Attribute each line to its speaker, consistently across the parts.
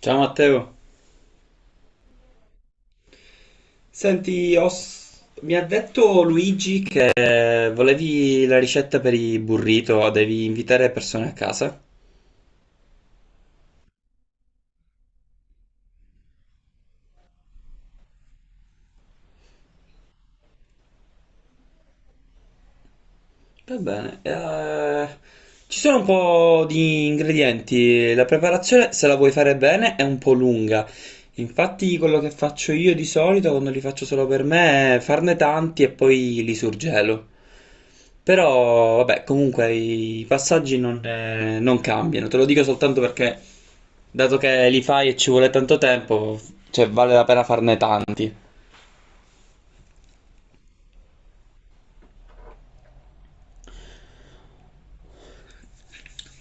Speaker 1: Ciao Matteo, senti, mi ha detto Luigi che volevi la ricetta per i burrito, devi invitare persone a casa. Va bene, ci sono un po' di ingredienti, la preparazione se la vuoi fare bene è un po' lunga, infatti quello che faccio io di solito quando li faccio solo per me è farne tanti e poi li surgelo. Però, vabbè, comunque i passaggi non cambiano. Te lo dico soltanto perché, dato che li fai e ci vuole tanto tempo, cioè vale la pena farne tanti.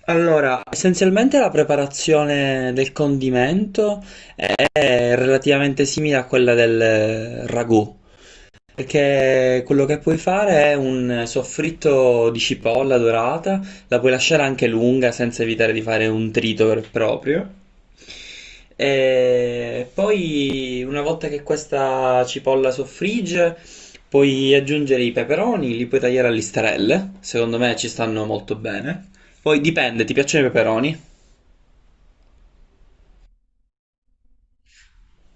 Speaker 1: Allora, essenzialmente la preparazione del condimento è relativamente simile a quella del ragù. Perché quello che puoi fare è un soffritto di cipolla dorata, la puoi lasciare anche lunga senza evitare di fare un trito vero e proprio. E poi, una volta che questa cipolla soffrigge, puoi aggiungere i peperoni, li puoi tagliare a listarelle. Secondo me ci stanno molto bene. Poi dipende, ti piacciono i peperoni?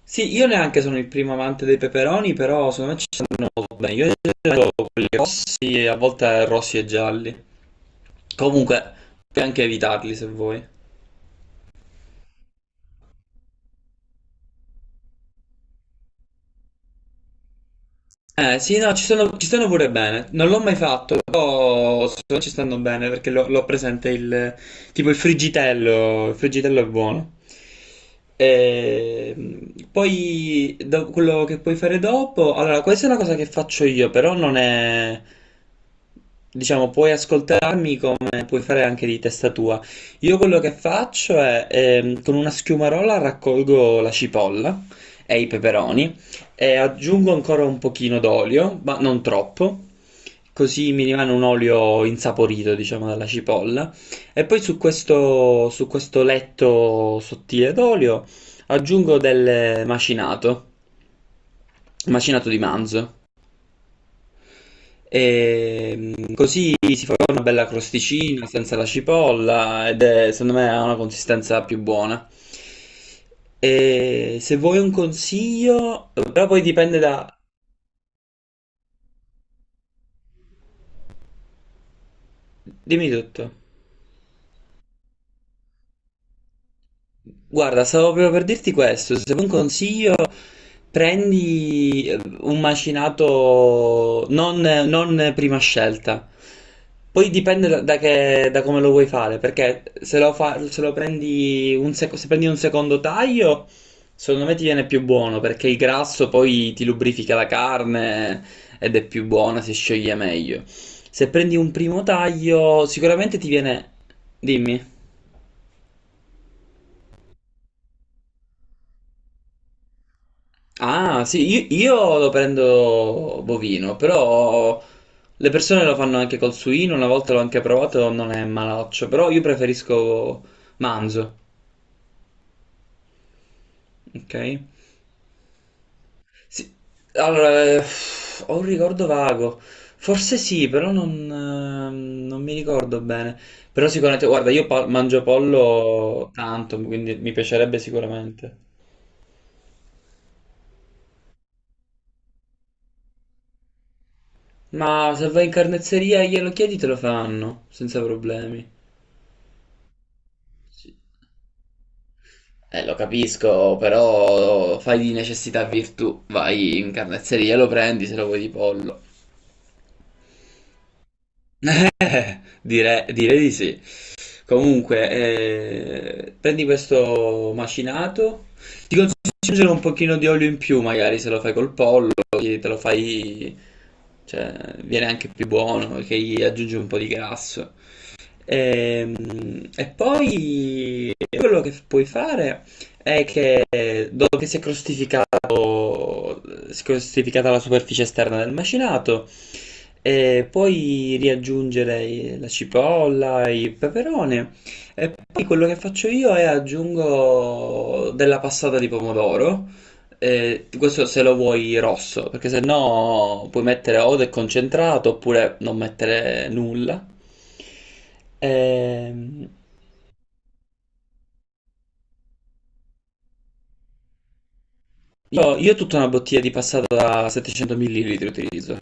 Speaker 1: Sì, io neanche sono il primo amante dei peperoni, però secondo me ci sono bene. Io ho quelli rossi, a volte rossi e gialli. Comunque, puoi anche evitarli se vuoi. Eh sì, no, ci sono, ci stanno pure bene. Non l'ho mai fatto, però ci stanno bene perché l'ho presente il tipo il friggitello è buono. E, poi quello che puoi fare dopo, allora questa è una cosa che faccio io, però non è, diciamo, puoi ascoltarmi come puoi fare anche di testa tua. Io quello che faccio è con una schiumarola raccolgo la cipolla e i peperoni. E aggiungo ancora un pochino d'olio, ma non troppo, così mi rimane un olio insaporito, diciamo, dalla cipolla. E poi su questo letto sottile d'olio aggiungo del macinato, macinato di manzo. E così si fa una bella crosticina senza la cipolla ed è, secondo me ha una consistenza più buona. E se vuoi un consiglio, però poi dipende da... Dimmi tutto. Guarda, stavo proprio per dirti questo, se vuoi un consiglio prendi un macinato non prima scelta, poi dipende da come lo vuoi fare, perché se prendi un secondo taglio, secondo me ti viene più buono, perché il grasso poi ti lubrifica la carne ed è più buona, si scioglie meglio. Se prendi un primo taglio, sicuramente ti viene... Dimmi. Ah, sì, io lo prendo bovino, però le persone lo fanno anche col suino, una volta l'ho anche provato, non è malaccio, però io preferisco manzo, ok? Sì, allora, ho un ricordo vago, forse sì, però non mi ricordo bene, però sicuramente, guarda, io mangio pollo tanto, quindi mi piacerebbe sicuramente. Ma se vai in carnezzeria e glielo chiedi te lo fanno, senza problemi. Sì. Lo capisco, però fai di necessità virtù. Vai in carnezzeria, lo prendi se lo vuoi di pollo. Direi di sì. Comunque, prendi questo macinato. Ti consiglio di aggiungere un pochino di olio in più, magari se lo fai col pollo, così te lo fai, cioè, viene anche più buono, che gli aggiungi un po' di grasso. E, poi quello che puoi fare è che dopo che si è crostificato, si è crostificata la superficie esterna del macinato, puoi riaggiungere la cipolla, il peperone e poi quello che faccio io è aggiungo della passata di pomodoro. Questo se lo vuoi rosso, perché se no puoi mettere o del concentrato oppure non mettere nulla. Ehm, io tutta una bottiglia di passata da 700 ml utilizzo.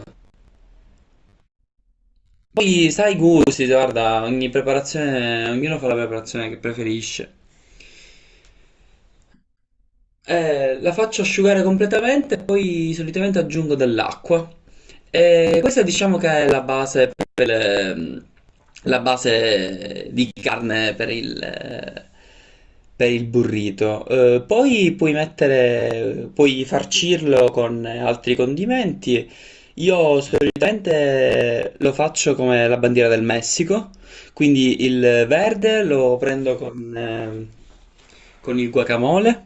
Speaker 1: Poi sai i gusti, guarda, ogni preparazione, ognuno fa la preparazione che preferisce. La faccio asciugare completamente e poi solitamente aggiungo dell'acqua. Questa diciamo che è la base per la base di carne per il burrito. Poi puoi mettere, puoi farcirlo con altri condimenti. Io solitamente lo faccio come la bandiera del Messico, quindi il verde lo prendo con il guacamole.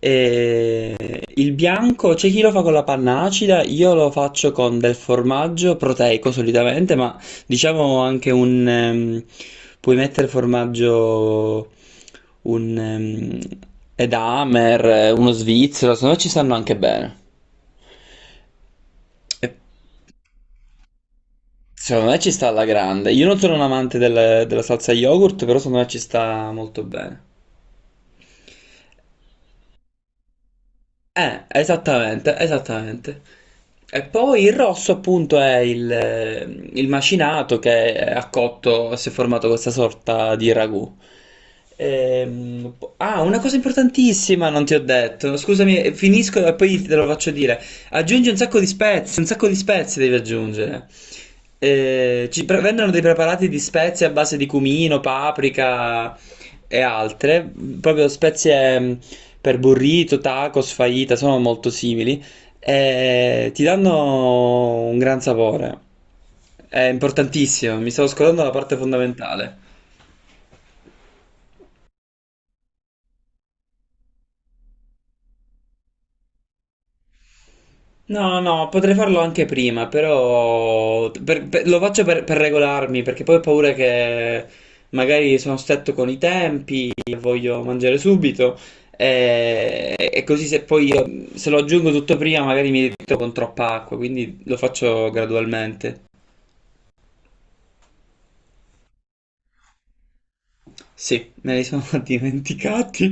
Speaker 1: E il bianco c'è chi lo fa con la panna acida, io lo faccio con del formaggio proteico solitamente, ma diciamo anche puoi mettere formaggio, un Edamer, uno svizzero, se no ci stanno anche bene. E secondo me ci sta alla grande. Io non sono un amante della salsa yogurt, però secondo me ci sta molto bene. Esattamente, esattamente. E poi il rosso appunto è il macinato che ha cotto, si è formato questa sorta di ragù. Una cosa importantissima non ti ho detto. Scusami, finisco e poi te lo faccio dire. Aggiungi un sacco di spezie, un sacco di spezie devi aggiungere. Ci vendono dei preparati di spezie a base di cumino, paprika e altre, proprio spezie per burrito, tacos, fajita, sono molto simili e ti danno un gran sapore. È importantissimo, mi stavo scordando la parte fondamentale. No, no, potrei farlo anche prima, però lo faccio per regolarmi, perché poi ho paura che magari sono stretto con i tempi, voglio mangiare subito, e, così se poi io, se lo aggiungo tutto prima magari mi ritrovo con troppa acqua, quindi lo faccio gradualmente. Sì, me li sono dimenticati.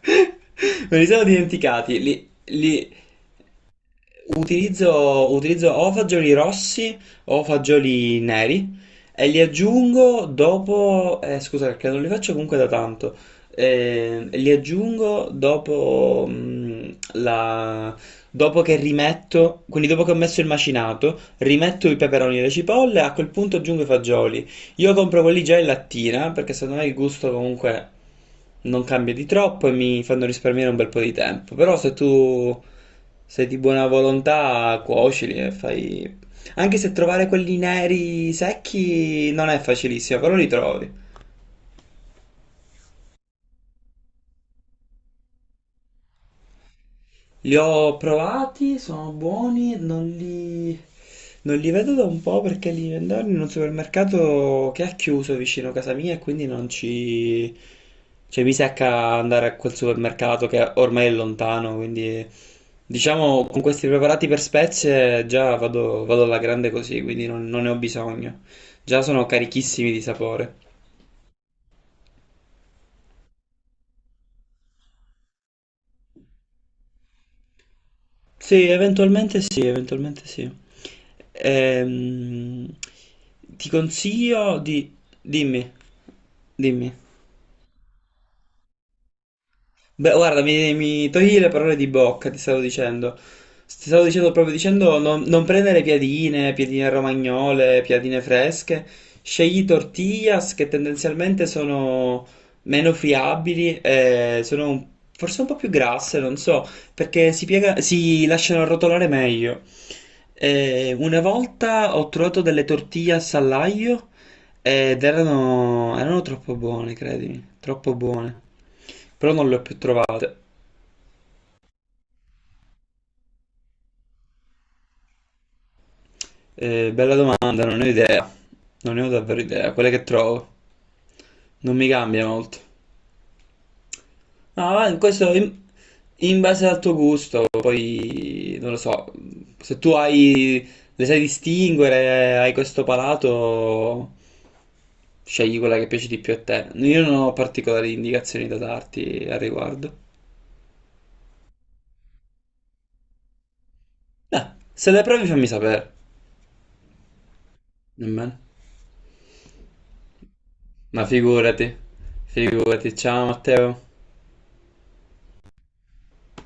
Speaker 1: Me li sono dimenticati. Utilizzo, utilizzo o fagioli rossi o fagioli neri e li aggiungo dopo, scusa perché non li faccio comunque da tanto. Li aggiungo dopo, la, dopo che rimetto, quindi dopo che ho messo il macinato, rimetto i peperoni e le cipolle, a quel punto aggiungo i fagioli. Io compro quelli già in lattina perché secondo me il gusto comunque non cambia di troppo e mi fanno risparmiare un bel po' di tempo. Però se tu sei di buona volontà, cuocili e fai... Anche se trovare quelli neri secchi non è facilissimo, però li trovi. Li ho provati, sono buoni, non li vedo da un po' perché li vendono in un supermercato che ha chiuso vicino a casa mia e quindi non ci... Cioè mi secca andare a quel supermercato che ormai è lontano, quindi diciamo con questi preparati per spezie già vado, vado alla grande così, quindi non ne ho bisogno. Già sono carichissimi di sapore. Sì, eventualmente sì, eventualmente sì. Ehm, Ti consiglio di... Dimmi, dimmi. Beh, guarda, mi togli le parole di bocca, ti stavo dicendo. Ti stavo dicendo proprio dicendo non prendere piadine, piadine romagnole, piadine fresche. Scegli tortillas che tendenzialmente sono meno friabili e sono forse un po' più grasse, non so, perché si piega, si lasciano arrotolare meglio. Una volta ho trovato delle tortillas all'aglio ed erano troppo buone, credimi, troppo buone. Però non le ho più trovate. Bella domanda, non ne ho idea. Non ne ho davvero idea. Quelle che trovo non mi cambia molto. No, ma questo in base al tuo gusto, poi non lo so. Se tu hai, le sai distinguere, hai questo palato, scegli quella che piace di più a te. Io non ho particolari indicazioni da darti al riguardo. Beh, se le provi fammi sapere. Nemmeno. Ma figurati, figurati. Ciao Matteo.